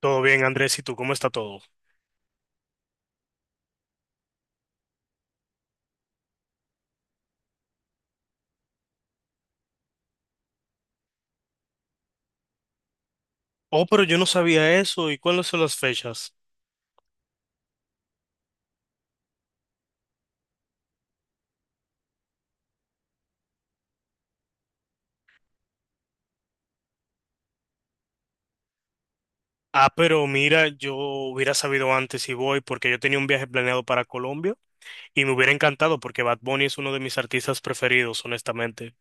Todo bien, Andrés, ¿y tú cómo está todo? Oh, pero yo no sabía eso. ¿Y cuáles son las fechas? Ah, pero mira, yo hubiera sabido antes si voy porque yo tenía un viaje planeado para Colombia y me hubiera encantado porque Bad Bunny es uno de mis artistas preferidos, honestamente.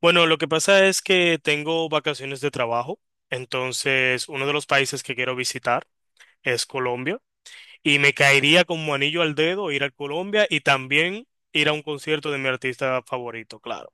Bueno, lo que pasa es que tengo vacaciones de trabajo, entonces uno de los países que quiero visitar es Colombia y me caería como anillo al dedo ir a Colombia y también ir a un concierto de mi artista favorito, claro.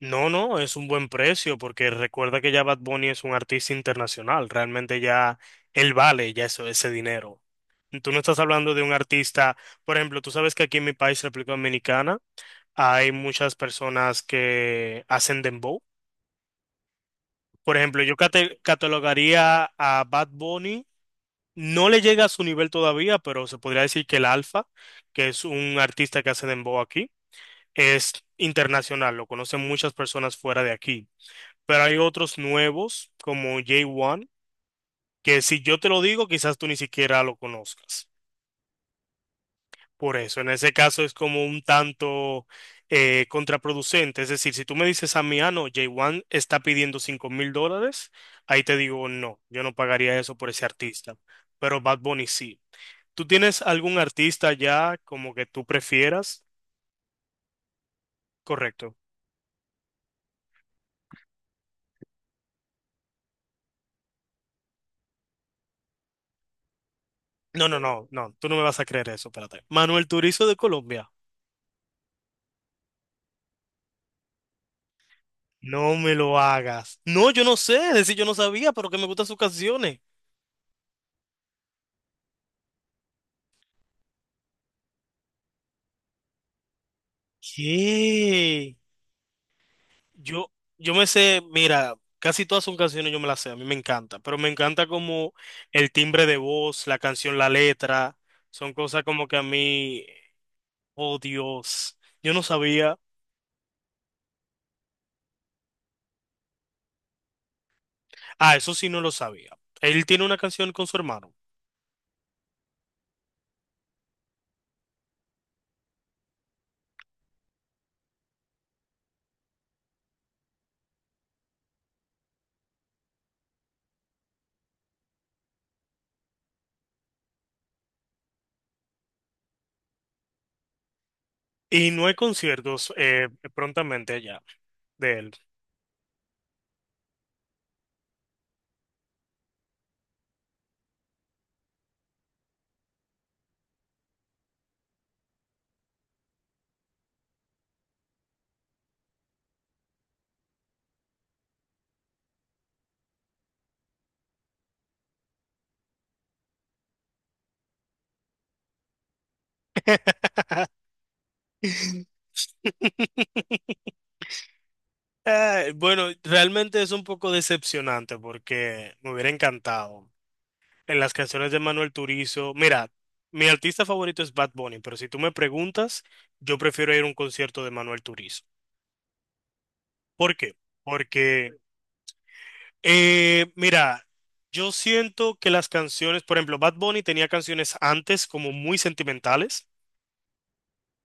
No, no, es un buen precio porque recuerda que ya Bad Bunny es un artista internacional, realmente ya él vale ya eso, ese dinero. Tú no estás hablando de un artista, por ejemplo, tú sabes que aquí en mi país, República Dominicana, hay muchas personas que hacen dembow. Por ejemplo, yo catalogaría a Bad Bunny, no le llega a su nivel todavía, pero se podría decir que el Alfa, que es un artista que hace dembow aquí, es internacional, lo conocen muchas personas fuera de aquí. Pero hay otros nuevos como J1, que si yo te lo digo, quizás tú ni siquiera lo conozcas. Por eso, en ese caso es como un tanto contraproducente. Es decir, si tú me dices a mí, ah, no, J1 está pidiendo $5.000, ahí te digo, no, yo no pagaría eso por ese artista, pero Bad Bunny sí. ¿Tú tienes algún artista ya como que tú prefieras? Correcto. No, no, no, no, tú no me vas a creer eso, espérate. Manuel Turizo de Colombia. No me lo hagas. No, yo no sé, es decir, yo no sabía, pero que me gustan sus canciones. ¿Qué? Yo, yo me sé, mira, casi todas sus canciones yo me las sé, a mí me encanta, pero me encanta como el timbre de voz, la canción, la letra, son cosas como que a mí, oh Dios, yo no sabía. Ah, eso sí no lo sabía. Él tiene una canción con su hermano y no hay conciertos prontamente allá de él. Bueno, realmente es un poco decepcionante porque me hubiera encantado. En las canciones de Manuel Turizo, mira, mi artista favorito es Bad Bunny, pero si tú me preguntas, yo prefiero ir a un concierto de Manuel Turizo. ¿Por qué? Porque, mira, yo siento que las canciones, por ejemplo, Bad Bunny tenía canciones antes como muy sentimentales.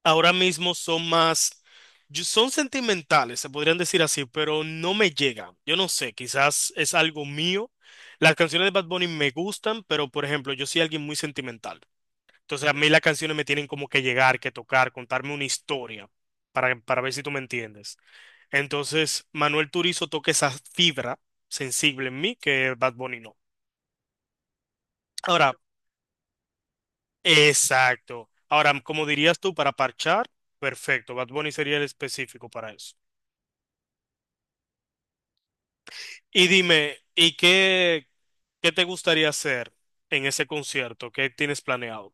Ahora mismo son más, son sentimentales, se podrían decir así, pero no me llegan. Yo no sé, quizás es algo mío. Las canciones de Bad Bunny me gustan, pero por ejemplo, yo soy alguien muy sentimental. Entonces a mí las canciones me tienen como que llegar, que tocar, contarme una historia, para ver si tú me entiendes. Entonces, Manuel Turizo toca esa fibra sensible en mí que Bad Bunny no. Ahora, exacto. Ahora, como dirías tú, para parchar, perfecto. Bad Bunny sería el específico para eso. Y dime, ¿y qué te gustaría hacer en ese concierto? ¿Qué tienes planeado?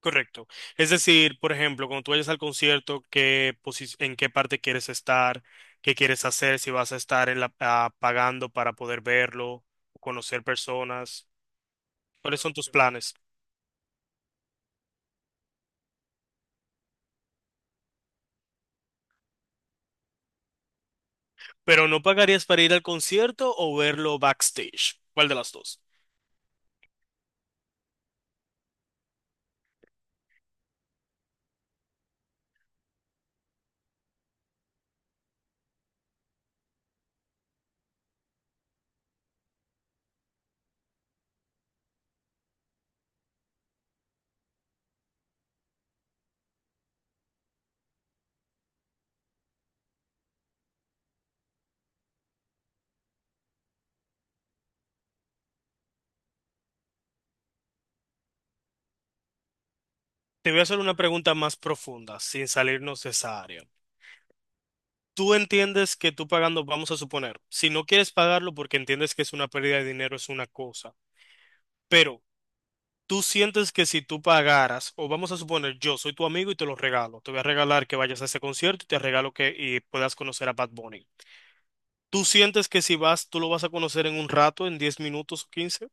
Correcto. Es decir, por ejemplo, cuando tú vayas al concierto, ¿qué en qué parte quieres estar? ¿Qué quieres hacer? Si vas a estar en la, pagando para poder verlo, conocer personas. ¿Cuáles son tus planes? ¿Pero no pagarías para ir al concierto o verlo backstage? ¿Cuál de las dos? Te voy a hacer una pregunta más profunda, sin salirnos de esa área. Tú entiendes que tú pagando, vamos a suponer, si no quieres pagarlo porque entiendes que es una pérdida de dinero, es una cosa, pero tú sientes que si tú pagaras, o vamos a suponer, yo soy tu amigo y te lo regalo, te voy a regalar que vayas a ese concierto y te regalo que y puedas conocer a Bad Bunny. Tú sientes que si vas, tú lo vas a conocer en un rato, en 10 minutos o 15.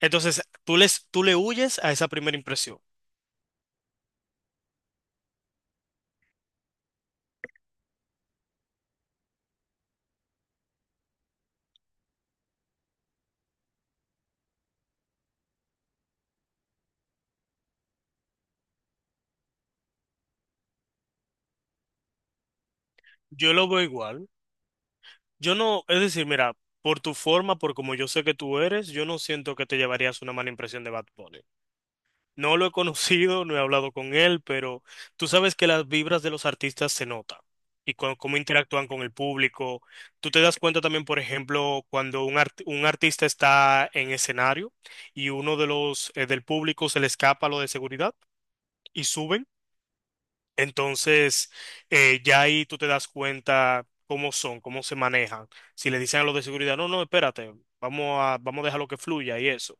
Entonces, tú le huyes a esa primera impresión. Yo lo veo igual. Yo no, es decir, mira, por tu forma, por como yo sé que tú eres, yo no siento que te llevarías una mala impresión de Bad Bunny. No lo he conocido, no he hablado con él, pero tú sabes que las vibras de los artistas se notan y cómo interactúan con el público. Tú te das cuenta también, por ejemplo, cuando un artista está en escenario y uno de los del público se le escapa lo de seguridad y suben. Entonces, ya ahí tú te das cuenta cómo son, cómo se manejan. Si le dicen a los de seguridad, no, no, espérate, vamos a dejar lo que fluya y eso.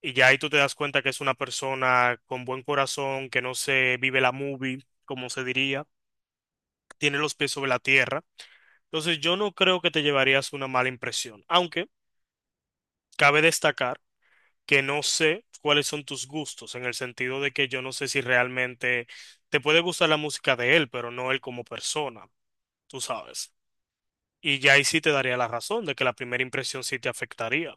Y ya ahí tú te das cuenta que es una persona con buen corazón, que no se vive la movie, como se diría, tiene los pies sobre la tierra. Entonces yo no creo que te llevarías una mala impresión, aunque cabe destacar que no sé cuáles son tus gustos, en el sentido de que yo no sé si realmente te puede gustar la música de él, pero no él como persona, tú sabes. Y ya ahí sí te daría la razón de que la primera impresión sí te afectaría.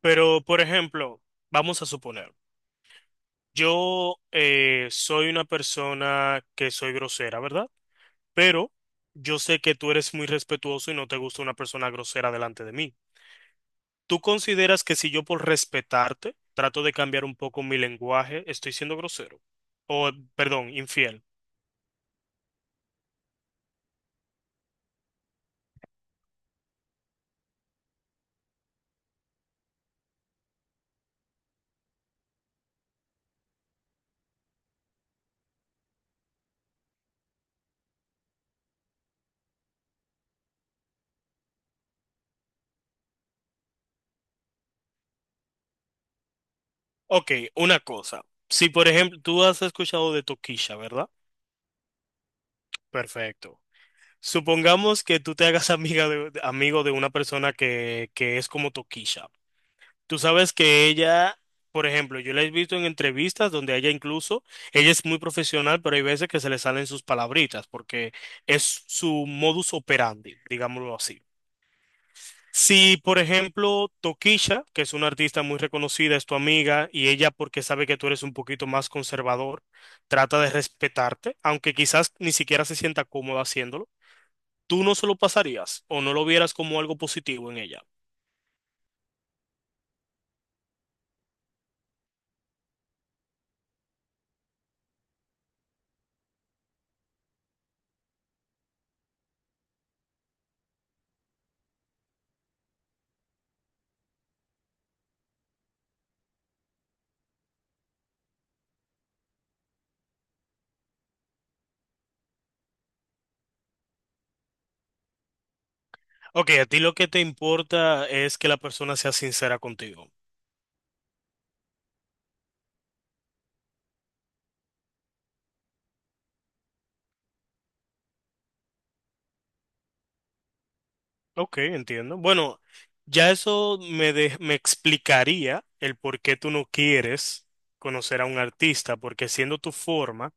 Pero, por ejemplo, vamos a suponer. Yo soy una persona que soy grosera, ¿verdad? Pero yo sé que tú eres muy respetuoso y no te gusta una persona grosera delante de mí. ¿Tú consideras que si yo por respetarte trato de cambiar un poco mi lenguaje, estoy siendo grosero? O, perdón, infiel. Ok, una cosa. Si, por ejemplo, tú has escuchado de Toquilla, ¿verdad? Perfecto. Supongamos que tú te hagas amiga amigo de una persona que es como Toquilla. Tú sabes que ella, por ejemplo, yo la he visto en entrevistas donde ella incluso, ella es muy profesional, pero hay veces que se le salen sus palabritas porque es su modus operandi, digámoslo así. Si, por ejemplo, Tokisha, que es una artista muy reconocida, es tu amiga y ella, porque sabe que tú eres un poquito más conservador, trata de respetarte, aunque quizás ni siquiera se sienta cómoda haciéndolo, tú no se lo pasarías o no lo vieras como algo positivo en ella. Ok, a ti lo que te importa es que la persona sea sincera contigo. Ok, entiendo. Bueno, ya eso me explicaría el por qué tú no quieres conocer a un artista, porque siendo tu forma,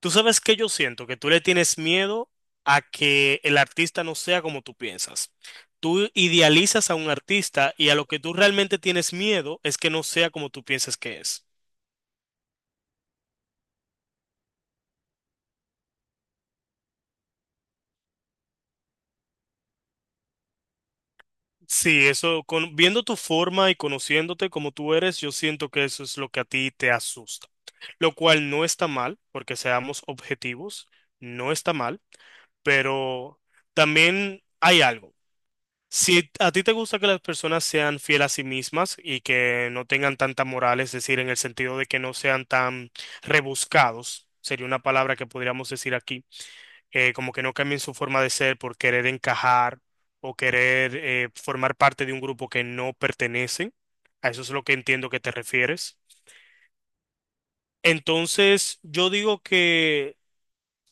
tú sabes que yo siento que tú le tienes miedo a que el artista no sea como tú piensas. Tú idealizas a un artista y a lo que tú realmente tienes miedo es que no sea como tú piensas que es. Sí, eso, con, viendo tu forma y conociéndote como tú eres, yo siento que eso es lo que a ti te asusta. Lo cual no está mal, porque seamos objetivos, no está mal, pero también hay algo. Si a ti te gusta que las personas sean fieles a sí mismas y que no tengan tanta moral, es decir, en el sentido de que no sean tan rebuscados, sería una palabra que podríamos decir aquí como que no cambien su forma de ser por querer encajar o querer formar parte de un grupo que no pertenecen. A eso es lo que entiendo que te refieres. Entonces, yo digo que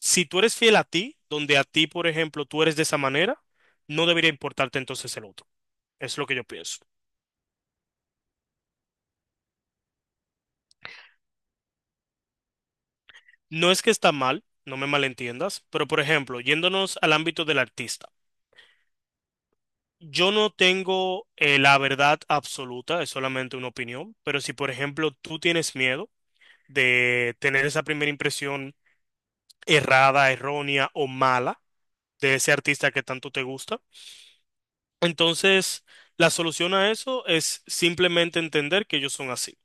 si tú eres fiel a ti, donde a ti, por ejemplo, tú eres de esa manera, no debería importarte entonces el otro. Es lo que yo pienso. No es que está mal, no me malentiendas, pero por ejemplo, yéndonos al ámbito del artista. Yo no tengo la verdad absoluta, es solamente una opinión, pero si por ejemplo tú tienes miedo, de tener esa primera impresión errada, errónea o mala de ese artista que tanto te gusta. Entonces, la solución a eso es simplemente entender que ellos son así.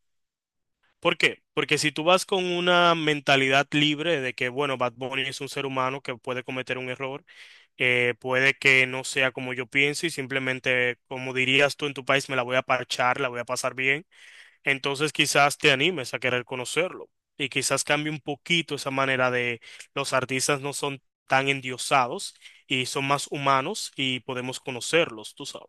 ¿Por qué? Porque si tú vas con una mentalidad libre de que, bueno, Bad Bunny es un ser humano que puede cometer un error, puede que no sea como yo pienso y simplemente, como dirías tú en tu país, me la voy a parchar, la voy a pasar bien, entonces quizás te animes a querer conocerlo y quizás cambie un poquito esa manera de los artistas no son tan endiosados y son más humanos y podemos conocerlos, tú sabes.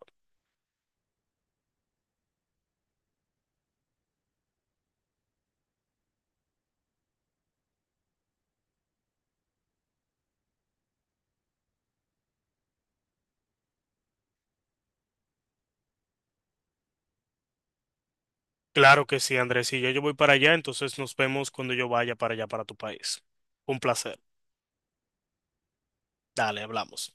Claro que sí, Andrés. Si yo, yo voy para allá, entonces nos vemos cuando yo vaya para allá, para tu país. Un placer. Dale, hablamos.